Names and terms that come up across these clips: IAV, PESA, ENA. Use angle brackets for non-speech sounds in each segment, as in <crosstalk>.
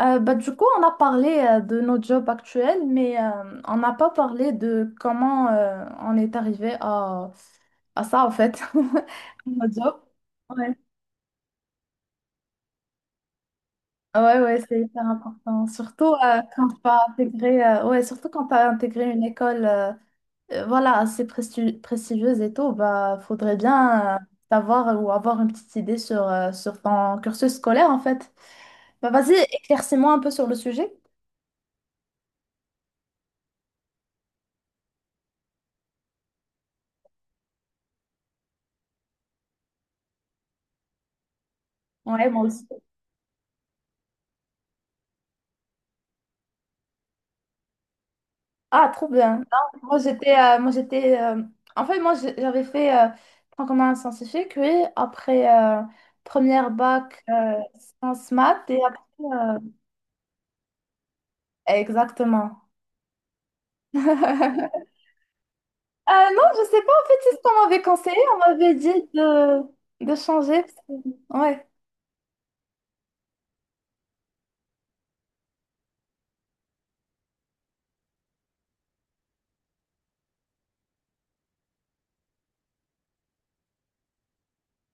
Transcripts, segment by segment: Bah, du coup, on a parlé de nos jobs actuels, mais on n'a pas parlé de comment on est arrivé à ça, en fait, <laughs> nos jobs. Ouais, ouais, ouais, c'est hyper important. Surtout quand tu as intégré, ouais, surtout quand tu intégré une école voilà, assez prestigieuse et tout, bah, faudrait bien savoir ou avoir une petite idée sur ton cursus scolaire, en fait. Bah, vas-y, éclaircis-moi un peu sur le sujet. Ouais, moi aussi. Ah, trop bien. Non, moi, j'étais... moi, j'étais. En fait, moi, j'avais fait franc commun scientifique, oui, après première bac sciences maths et après... euh, Exactement. <laughs> Non, je sais pas, en fait, c'est ce qu'on m'avait conseillé. On m'avait dit de changer, Ouais,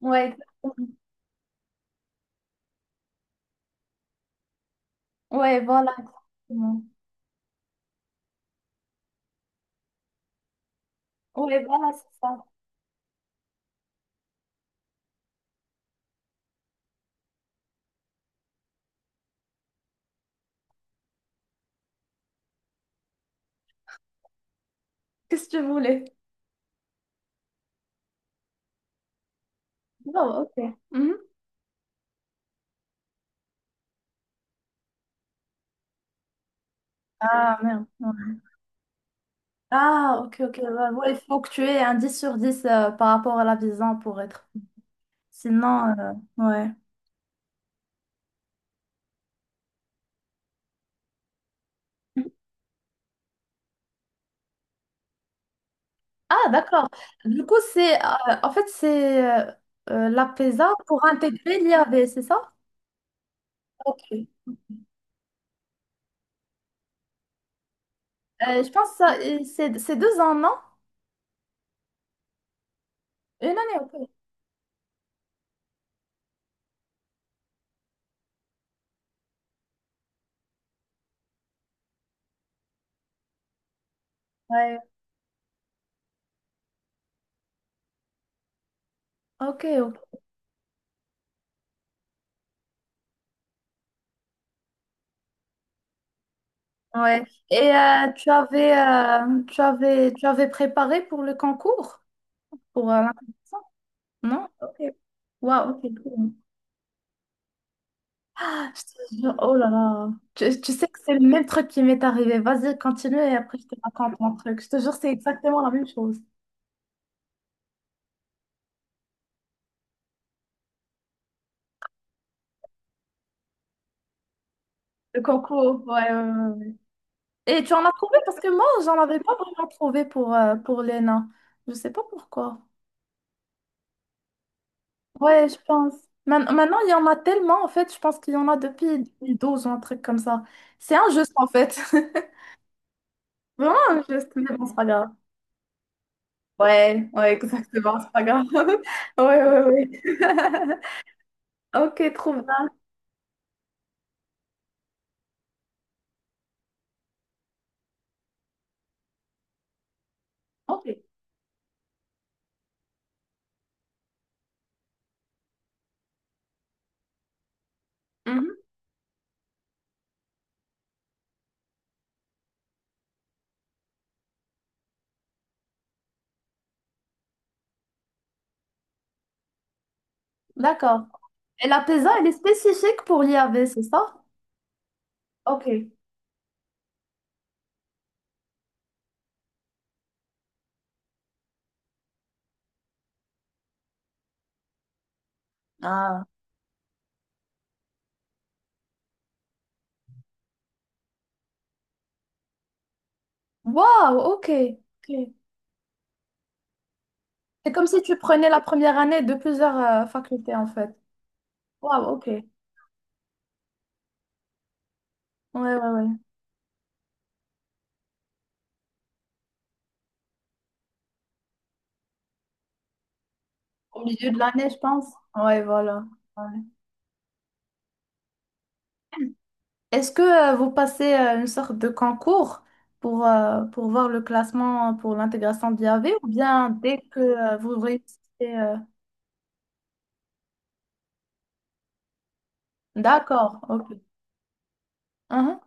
ouais, exactement. Ouais, voilà, exactement. Ouais, voilà, c'est ça. Qu'est-ce que tu voulais? Non, ok. Mhm. Ah, merde. Ouais. Ah, ok, ok. Ouais, ouais, il faut que tu aies un 10/10 par rapport à la vision pour être. Sinon, ouais. Ah, d'accord. Du coup, c'est en fait, c'est euh, la PESA pour intégrer l'IAV, c'est ça? Ok. Je pense que ça, et c'est 2 ans, non? Une année, ok. Ouais. Ok, ok. Ouais. Et tu avais préparé pour le concours? Pour l'intégration? Non? Ok. Wow, ok, cool. Je te jure, oh là là. Tu sais que c'est le même truc qui m'est arrivé. Vas-y, continue et après je te raconte mon truc. Je te jure, c'est exactement la même chose. Le concours, ouais, ouais, ouais, ouais. Et tu en as trouvé parce que moi, j'en avais pas vraiment trouvé pour l'ENA. Je sais pas pourquoi. Ouais, je pense. Maintenant, il y en a tellement, en fait, je pense qu'il y en a depuis 2012 ou un truc comme ça. C'est injuste, en fait. <laughs> Vraiment injuste, mais bon, c'est pas grave. Ouais, ouais, exactement, c'est pas grave. <laughs> Ouais, ouais, ouais. <laughs> Ok, trop bien. Ok. Mhm. D'accord. Et la PESA, elle est spécifique pour l'IAV, c'est ça? Ok. Ah. Waouh, ok. Ok. C'est comme si tu prenais la première année de plusieurs facultés, en fait. Waouh, ok. Ouais, ouais, ouais. Au milieu de l'année, je pense. Ouais, voilà. Ouais. Est-ce que vous passez une sorte de concours pour voir le classement pour l'intégration de l'IAV ou bien dès que vous réussissez... euh, D'accord, ok. Mhm.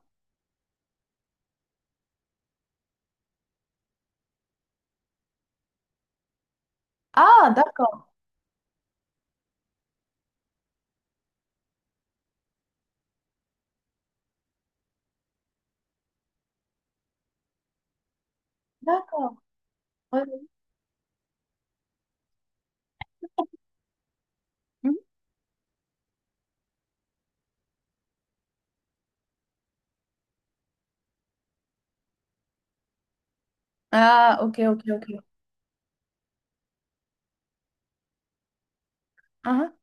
Ah, d'accord, d'accord. Ouais. Ah, ok, ok, ok. Ah,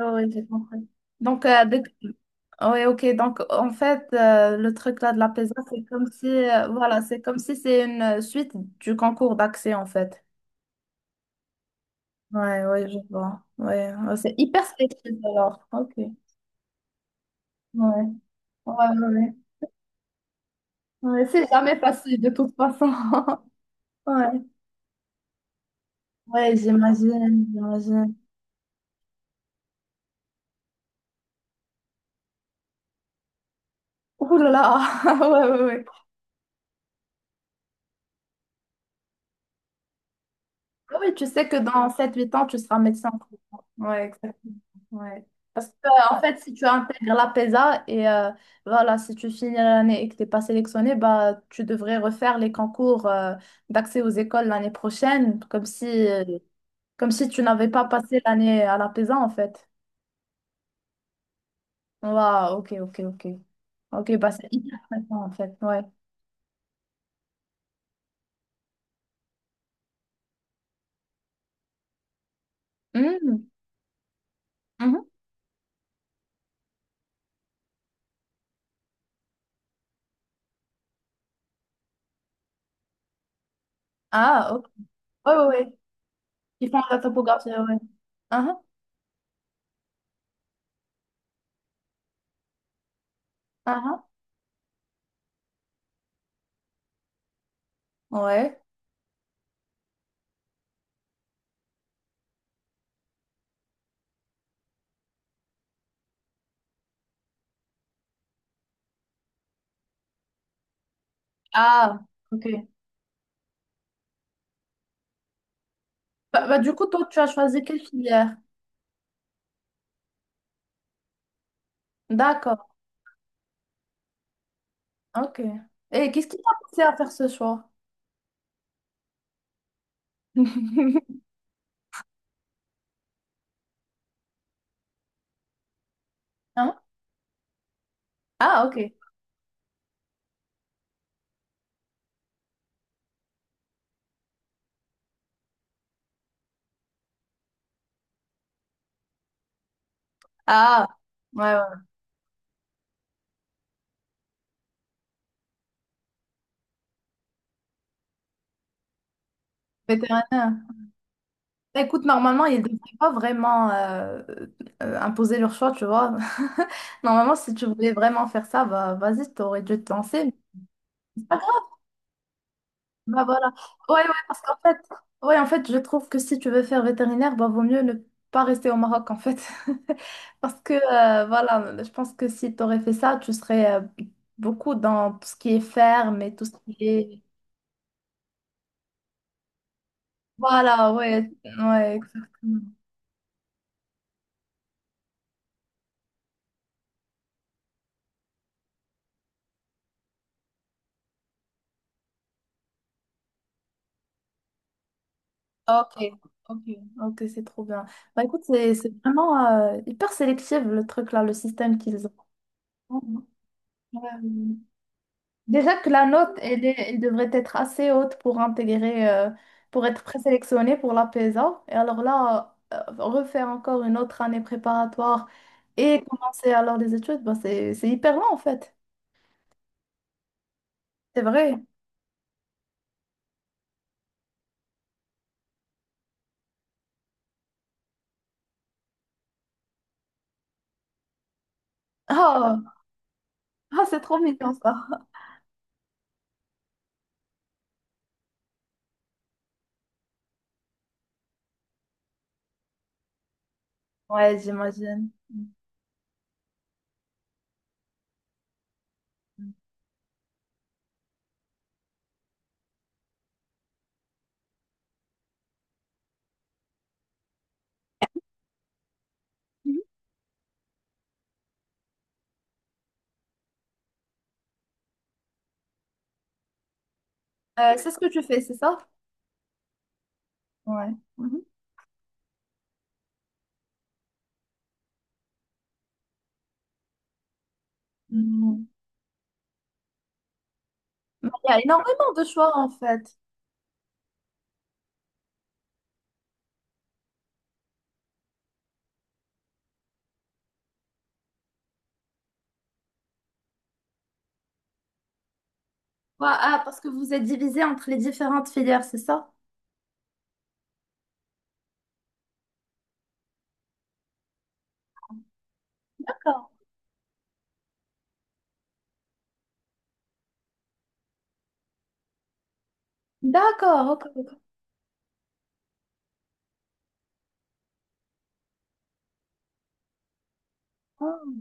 ah, oui j'ai compris. Donc, ouais, ok. Donc, en fait, le truc là de la PESA, c'est comme si, voilà, c'est comme si c'est une suite du concours d'accès, en fait. Ouais, ouais, je vois. Ouais, ouais, c'est hyper spécial alors. Ok. Ouais, ouais, ouais. Ouais, ouais, c'est jamais facile de toute façon. <laughs> Ouais, ouais, j'imagine, j'imagine. Ouh là là, <laughs> ouais, ouais, ouais. Ah, oui, tu sais que dans sept huit ans, tu seras médecin. Ouais, exactement. Ouais. Parce que, en fait, si tu intègres la PESA et voilà, si tu finis l'année et que tu n'es pas sélectionné, bah, tu devrais refaire les concours d'accès aux écoles l'année prochaine, comme si tu n'avais pas passé l'année à la PESA, en fait. Waouh, ok, ok, ok. Ok, bah, c'est hyper intéressant, en fait. Ouais. Mhm, mhm. Ah, ok. Ouais, ouais, ouais. Ils font la topographie, ouais. Ah, ah, ah. Ouais. Ah, ok. Bah, du coup, toi, tu as choisi quelle filière? D'accord, ok. Et qu'est-ce qui t'a poussé à faire ce choix? <laughs> Hein? Ah, ok. Ah, ouais, ouais. Vétérinaire. Bah, écoute, normalement, ils ne devraient pas vraiment imposer leur choix, tu vois. <laughs> Normalement, si tu voulais vraiment faire ça, bah, vas-y, tu aurais dû te lancer. Bah voilà. Ouais, ouais, parce qu'en fait, ouais, en fait, je trouve que si tu veux faire vétérinaire, bah vaut mieux ne pas rester au Maroc, en fait. <laughs> Parce que, voilà, je pense que si tu aurais fait ça, tu serais beaucoup dans tout ce qui est ferme et tout ce qui est... Voilà, ouais, ouais, exactement. Ok, ok, ok, c'est trop bien. Bah écoute, c'est vraiment hyper sélectif, le truc là, le système qu'ils ont. Ouais. Ouais. Déjà que la note, elle devrait être assez haute pour intégrer, pour être présélectionnée pour la PESA. Et alors là, refaire encore une autre année préparatoire et commencer alors les études, bah, c'est hyper long en fait. C'est vrai. Ah, ah, c'est trop mignon ça. Ouais, j'imagine. Mhm. C'est ce que tu fais, c'est ça? Ouais. Mhm. Mhm. Mais il y a énormément de choix en fait. Ouais, ah, parce que vous êtes divisé entre les différentes filières, c'est ça? D'accord. D'accord, ok. Ok.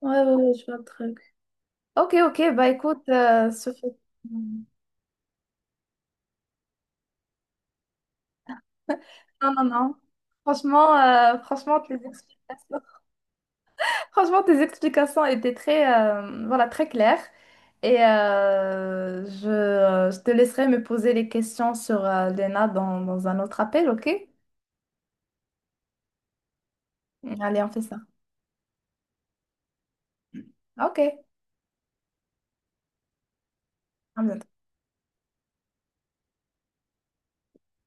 Ouais, ouais, ouais, je vois le truc. Ok, ok, bah écoute, Non, non, non. Franchement, tes explications... <laughs> franchement, tes explications étaient très, voilà, très claires. Et je te laisserai me poser les questions sur Lena, dans un autre appel, ok? Allez, on fait ça. Ok, à bientôt.